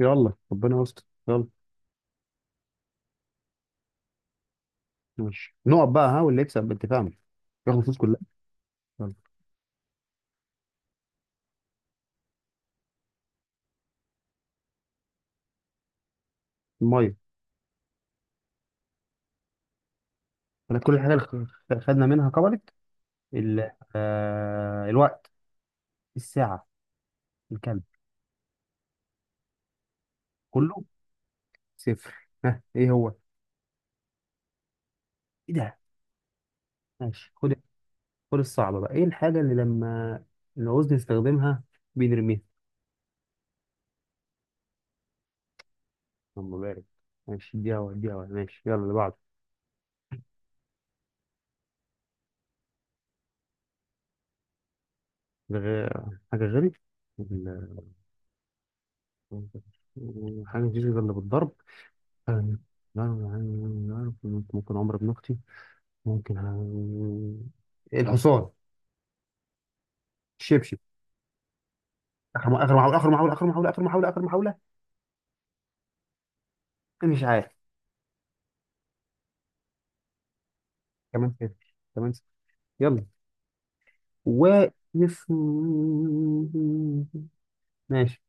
يلا، ربنا يستر. يلا، ماشي، نقط بقى. ها، واللي يكسب بالتفاهم ياخد الفلوس كلها. يلا. الميه. انا كل الحاجه اللي خدنا منها كبرت. ال... الوقت. الساعه. الكلب. كله صفر. ها، ايه هو؟ ايه ده؟ ماشي، خد. خد الصعبه بقى. ايه الحاجه اللي لما نعوز نستخدمها بنرميها؟ اللهم بارك. ماشي، اديها هوا، اديها هوا. ماشي، يلا اللي بعده. غ... حاجه غيري. ال- حاجه مفيش غير اللي بالضرب. أنا- لا، أنا ممكن عمرو بن اختي. ممكن الحصان. الشبشب. اخر محاوله، اخر محاوله، اخر محاوله، اخر محاوله، اخر محاوله. أنا مش عارف. كمان صفر، كمان صفر. يلا. واقف. ماشي.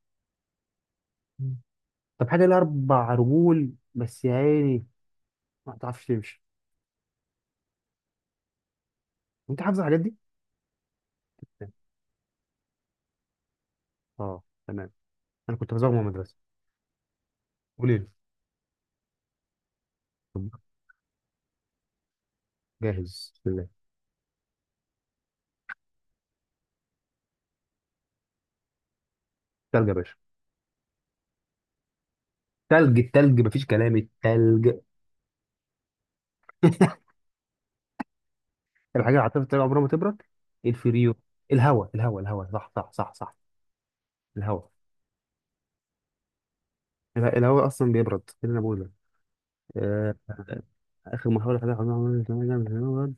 طب حاجه لها اربع رجول بس يا عيني ما بتعرفش تمشي. انت حافظ الحاجات دي؟ اه، تمام. انا كنت بزوغ من المدرسه. قولي لي. طب جاهز، بسم الله. تلج يا باشا. تلج، التلج مفيش كلام، التلج. الحاجة اللي هتفضل عمرها ما تبرد. الفريون. الهواء الهواء الهواء، صح صح صح صح. الهواء. الهواء الهواء أصلا بيبرد، إيه اللي أنا بقوله. آه، آخر محاولة. حاجة عمرها ما تبرد.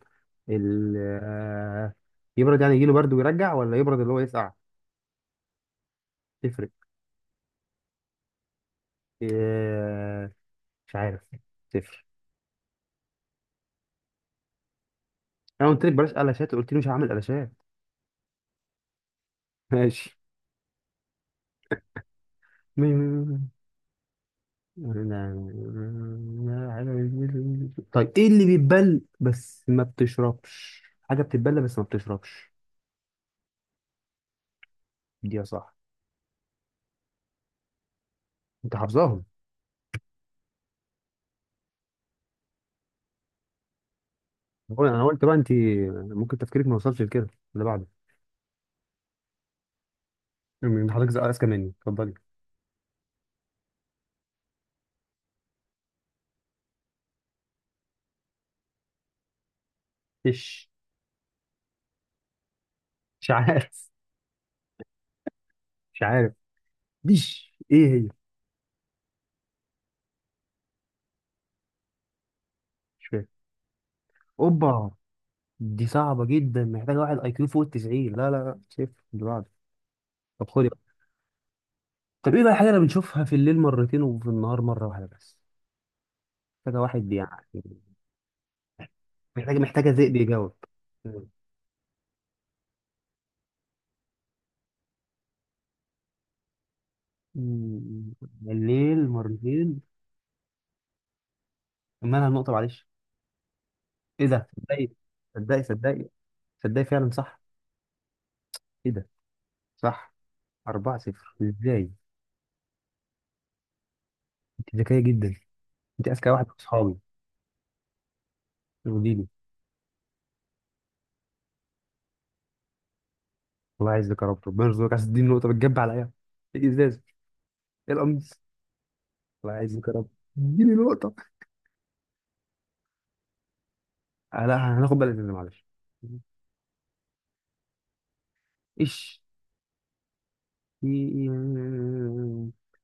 ال آه، يبرد يعني يجيله برد ويرجع، ولا يبرد اللي هو يسقع؟ تفرق. آه، مش عارف. تفرق. أنا قلت لك بلاش قلاشات، قلت لي مش هعمل قلاشات. ماشي. طيب ايه اللي بيتبل بس ما بتشربش؟ حاجة بتتبل بس ما بتشربش. دي يا صح. انت حافظاهم. انا قلت، أنا قلت بقى. انت ممكن تفكيرك ما وصلش لكده. اللي بعده. من حضرتك زي اذكى مني، اتفضلي. ايش؟ مش عارف. مش عارف. ديش ايه هي؟ مش فاهم. اوبا. دي صعبه جدا، محتاجه واحد اي كيو فوق ال 90. لا لا لا، صفر. اللي بعده. طب خدي بقى. طب ايه بقى الحاجه اللي بنشوفها في الليل مرتين وفي النهار مره واحده بس؟ محتاجه واحد يعني. محتاجه، محتاجه ذئب يجاوب. مم. الليل مرتين. مالها النقطه؟ معلش. ايه ده، صدقي؟ صدقي صدقي، تصدقي؟ فعلا صح. ايه ده، صح. 4 0 ازاي؟ انت ذكيه جدا. انت اذكى واحد في اصحابي. وديني. الله يعزك يا رب، ربنا يرزقك. عايز تديني نقطه بتجب عليا. ايه؟ إيه، الازاز. ايه، القميص. الله يعزك يا رب. اديني نقطه. آه لا، هناخد بالك من ده، معلش. ايش؟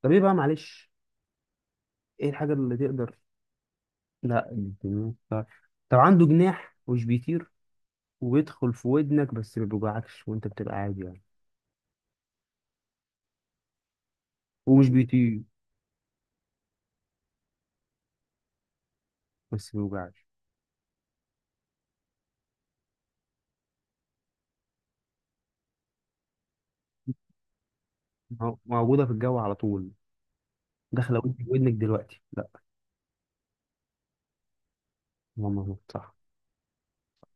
طب ايه بقى، معلش. ايه الحاجه اللي تقدر. لا، الجنون. طب. طب عنده جناح ومش بيطير، وبيدخل في ودنك بس ما بيوجعكش، وانت بتبقى عادي يعني. ومش بيطير. بس ما بيوجعكش. موجودة في الجو على طول. داخلة ودنك، ودنك دلوقتي لا. هو مظبوط، صح.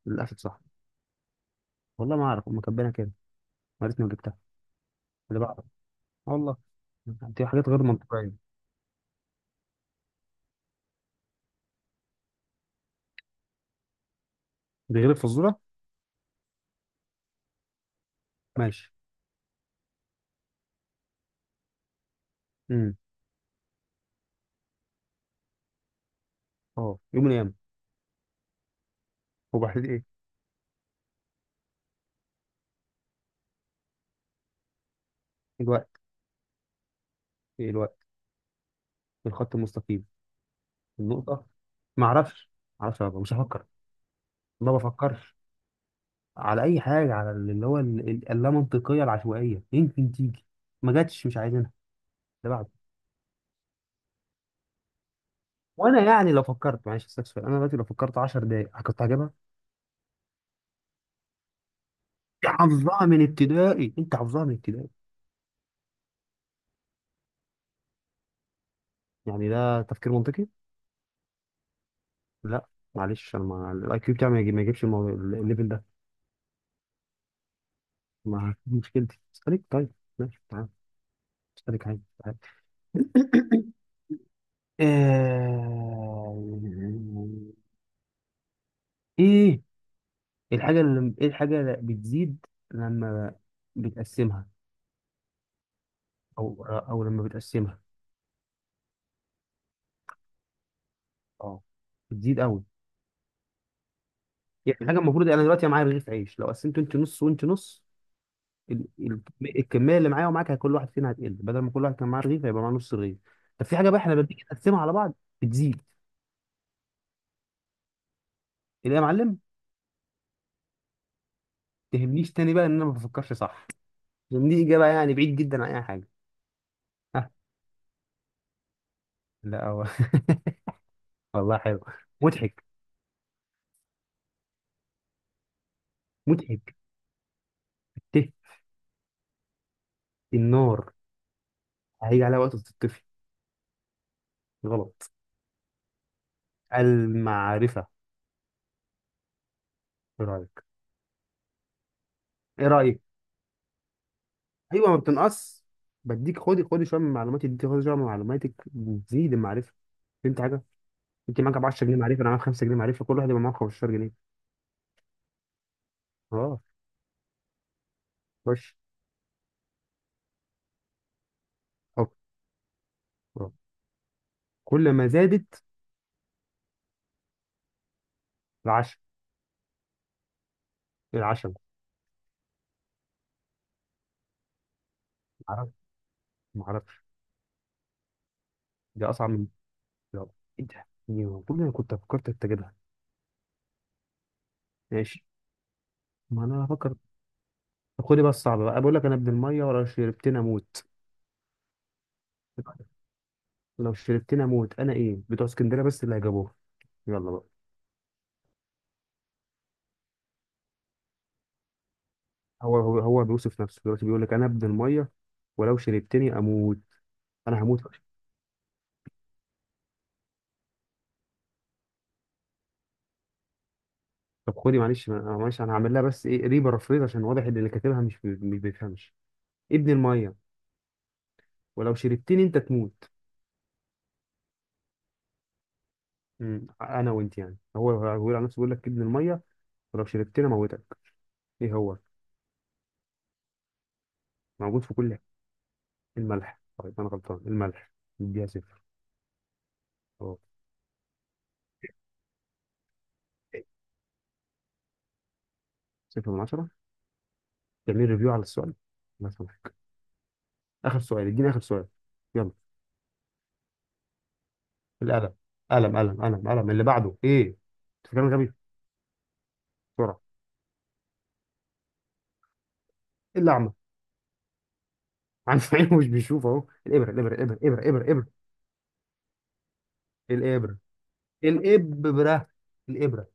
للأسف صح. والله ما أعرف، هم كاتبينها كده. يا ريتني ما جبتها. اللي بعده. آه والله. دي حاجات غير منطقية. دي غير الفزورة. ماشي. امم. اه، يوم من الأيام. هو بعد إيه؟ الوقت. إيه، الوقت. الخط المستقيم. النقطة. ما أعرفش. ما أعرفش، أبقى مش هفكر. ما بفكرش. على أي حاجة، على اللي هو اللامنطقية العشوائية يمكن تيجي، ما جاتش، مش عايزينها. اللي بعده. وأنا يعني لو فكرت، معلش استكفى، أنا دلوقتي لو فكرت 10 دقايق كنت هجيبها. حافظها من ابتدائي، انت حافظها من ابتدائي. يعني ده تفكير منطقي؟ لا. معلش، انا ما الاي كيو بتاعي ما يجيبش الليفل ده. ما دي مشكلتي، اسالك طيب. ماشي، تعال. اسالك عادي، تعال. آه، ايه الحاجه اللي، ايه الحاجه اللي بتزيد لما بتقسمها؟ او، او لما بتقسمها. اه، بتزيد قوي. يعني حاجه، المفروض انا دلوقتي معايا رغيف عيش، لو قسمته انت نص وانت نص، ال- ال- الكميه اللي معايا ومعاك كل واحد فينا هتقل، بدل ما كل واحد كان معاه رغيف هيبقى معاه نص رغيف. طب في حاجه بقى احنا لما بنيجي نقسمها على بعض بتزيد. اللي يا معلم. تهمنيش تاني بقى ان انا ما بفكرش صح، لان دي اجابه يعني بعيد جدا عن اي حاجه. ها، لا هو. والله حلو. مضحك. مضحك. الته. النار. هيجي عليها وقت تطفي. غلط. المعرفه. ايه رايك؟ ايه رايك؟ ايوه، ما بتنقص. بديك، خدي خدي شويه من معلوماتي، اديتي، خدي شويه من معلوماتك، بتزيد المعرفه. فهمت حاجه؟ انت معاك 10 جنيه معرفه، انا معاك 5 جنيه معرفه، كل واحد يبقى معاه 15 جنيه. اه. خش. حط. آه. كل ما زادت. العشم. العشم. معرفش. معرفش. دي اصعب من. يلا. ايه ده، دي المفروض انا كنت فكرت اتجدها. ماشي. ما انا هفكر. طب خدي بقى الصعبه بقى. بقول لك انا ابن الميه ولو شربتني اموت. لو شربتني اموت، انا ايه؟ بتوع اسكندريه بس اللي هيجابوه. يلا بقى. هو هو هو بيوصف نفسه دلوقتي، بيقول لك انا ابن الميه ولو شربتني اموت، انا هموت. طب خدي معلش، معلش انا هعمل لها بس ايه، ريبارافريز، عشان واضح ان اللي كاتبها مش بيفهمش. ابن الميه ولو شربتني انت تموت. امم، انا وانت يعني، هو هو بيقول على نفسه، بيقول لك ابن الميه ولو شربتني موتك ايه هو؟ موجود في كل حاجة. الملح. طيب انا غلطان، الملح. اديها صفر. اه. صفر من عشرة. تعمل ريفيو على السؤال، ما سمحت. اخر سؤال، اديني اخر سؤال. يلا. القلم. قلم قلم قلم قلم. اللي بعده ايه، انت فاكرني غبي. بسرعه. الاعمى. عنده عين مش بيشوف، اهو. الابره الابره الابره الابره الابره الابره الابره الابره.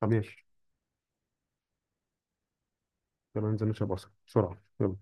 طب ماشي. يلا ننزل نشرب عصير بسرعه، يلا.